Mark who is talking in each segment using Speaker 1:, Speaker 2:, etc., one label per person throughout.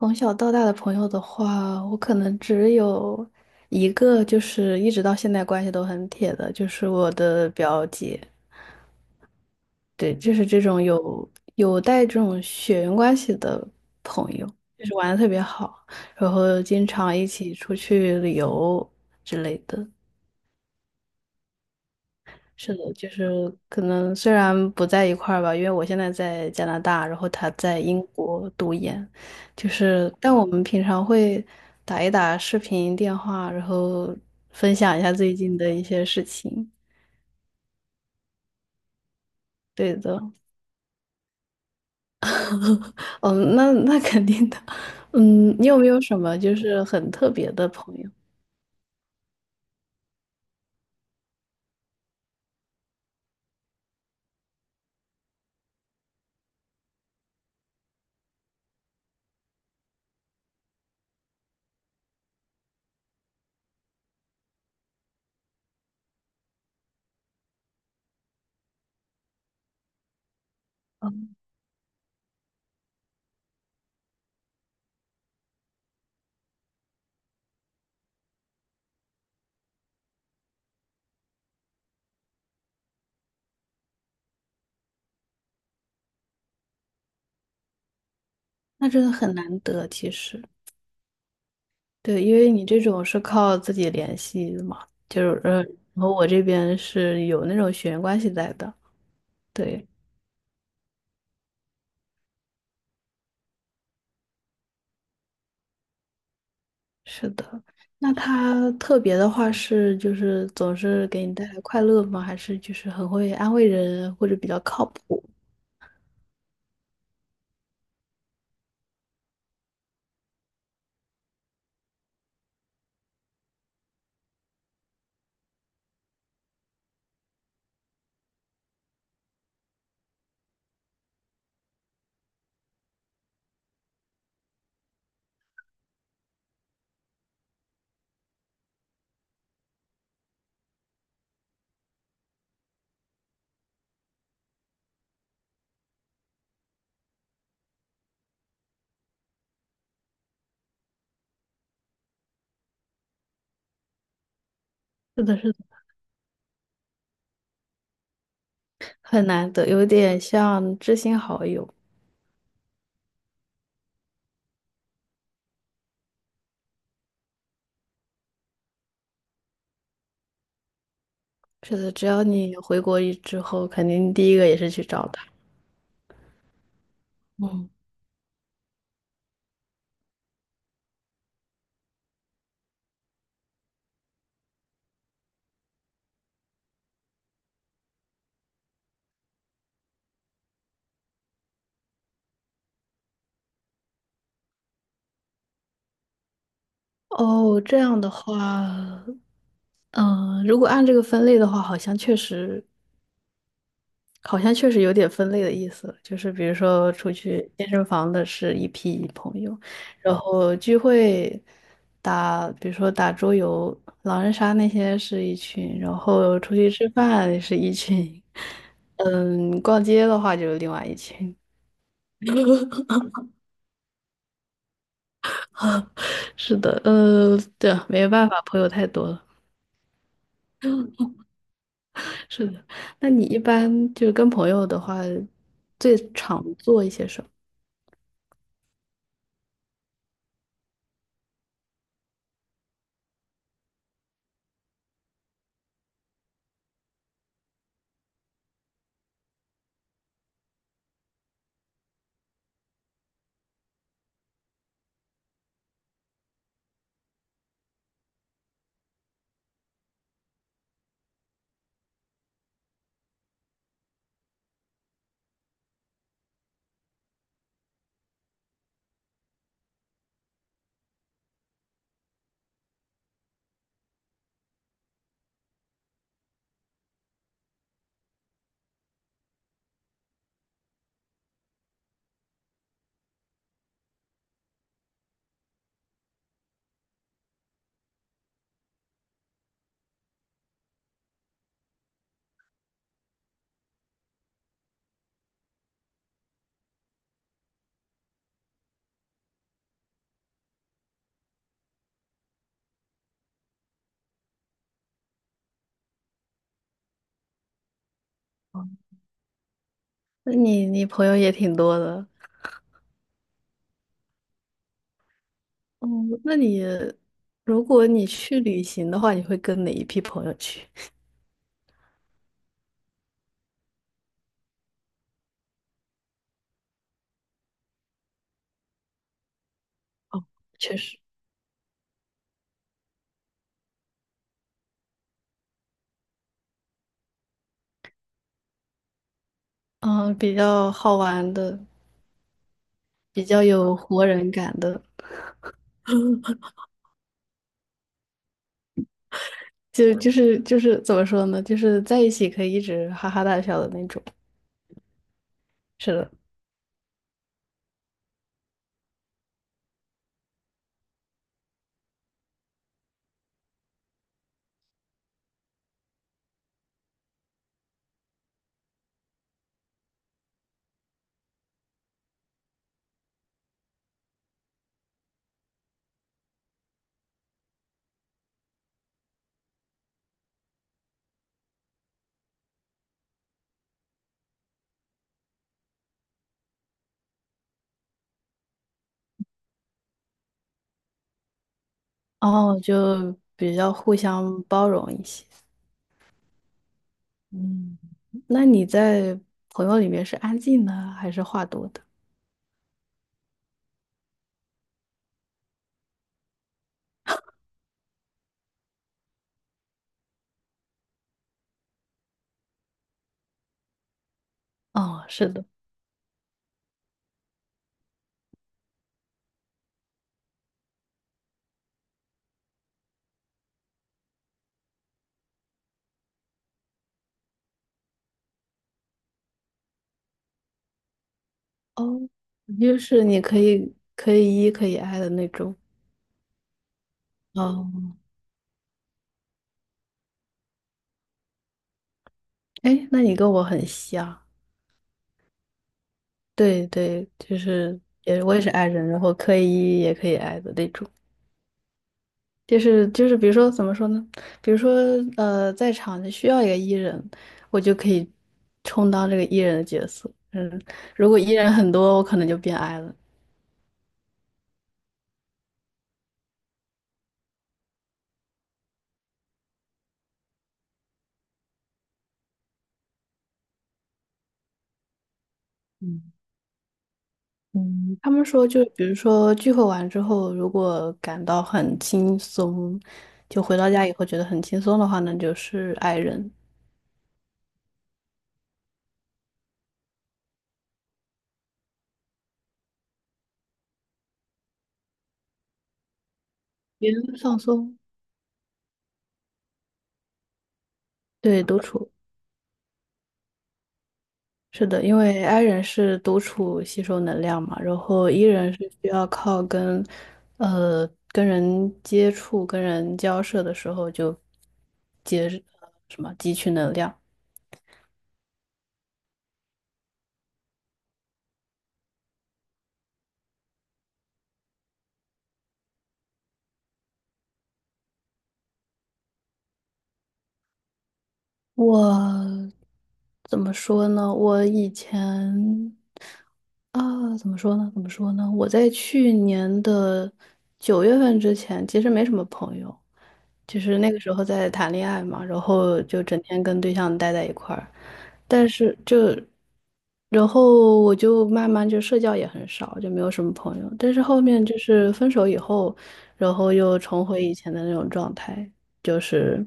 Speaker 1: 从小到大的朋友的话，我可能只有一个，就是一直到现在关系都很铁的，就是我的表姐。对，就是这种有带这种血缘关系的朋友，就是玩的特别好，然后经常一起出去旅游之类的。是的，就是可能虽然不在一块儿吧，因为我现在在加拿大，然后他在英国读研，就是但我们平常会打一打视频电话，然后分享一下最近的一些事情。对的，哦，那肯定的。嗯，你有没有什么就是很特别的朋友？那真的很难得，其实，对，因为你这种是靠自己联系的嘛，就是和我这边是有那种血缘关系在的。对，是的。那他特别的话是，就是总是给你带来快乐吗？还是就是很会安慰人，或者比较靠谱？是的，是的，很难得，有点像知心好友。是的，只要你回国一之后，肯定第一个也是去找他。嗯，哦，这样的话，如果按这个分类的话，好像确实有点分类的意思了，就是比如说出去健身房的是一批朋友，然后聚会打，比如说打桌游、狼人杀那些是一群，然后出去吃饭是一群，嗯，逛街的话就是另外一群。是的，对啊，没有办法，朋友太多了。是的，那你一般就是跟朋友的话，最常做一些什么？那你朋友也挺多的。哦，那你如果你去旅行的话，你会跟哪一批朋友去？哦，确实，嗯，比较好玩的，比较有活人感的，就是怎么说呢？就是在一起可以一直哈哈大笑的那种。是的，哦，就比较互相包容一些。嗯，那你在朋友里面是安静的还是话多的？哦，是的，哦，就是你可以 E 可以 I 的那种。哦，哎，那你跟我很像，对对，就是我也是 i 人，然后可以也可以 i 的那种，就是比如说怎么说呢？比如说在场需要一个 e 人，我就可以充当这个 e 人的角色。嗯，如果 e 人很多，我可能就变 i 了。嗯，他们说就比如说聚会完之后，如果感到很轻松，就回到家以后觉得很轻松的话那就是 i 人。别人放松，对，独处。是的，因为 I 人是独处吸收能量嘛，然后 E 人是需要靠跟，跟人接触、跟人交涉的时候就接什么汲取能量。我怎么说呢？我以前啊，怎么说呢？我在去年的9月份之前，其实没什么朋友。就是那个时候在谈恋爱嘛，然后就整天跟对象待在一块儿，但是就，然后我就慢慢就社交也很少，就没有什么朋友。但是后面就是分手以后，然后又重回以前的那种状态，就是，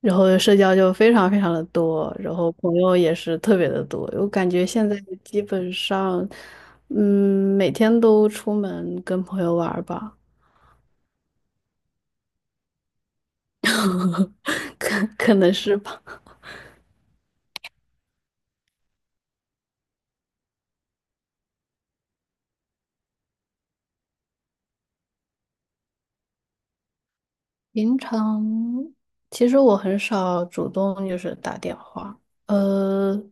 Speaker 1: 然后社交就非常非常的多，然后朋友也是特别的多。我感觉现在基本上，嗯，每天都出门跟朋友玩儿吧。可能是吧。平常其实我很少主动就是打电话，呃，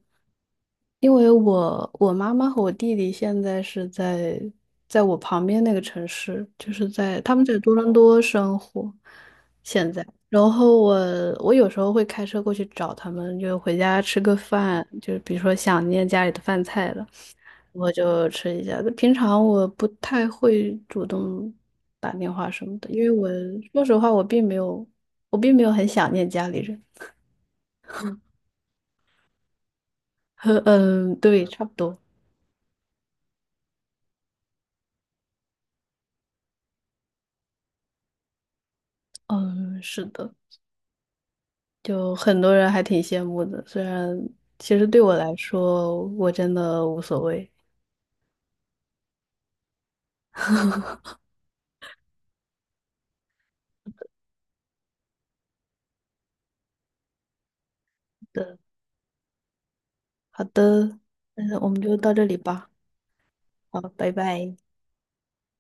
Speaker 1: 因为我妈妈和我弟弟现在是在我旁边那个城市，就是在他们在多伦多生活，现在，然后我有时候会开车过去找他们，就回家吃个饭，就是比如说想念家里的饭菜了。我就吃一下。平常我不太会主动打电话什么的，因为我说实话，我并没有，我并没有很想念家里人。呵，嗯，对，差不多。嗯，是的，就很多人还挺羡慕的，虽然其实对我来说，我真的无所谓。的，好的，那我们就到这里吧。好，拜拜。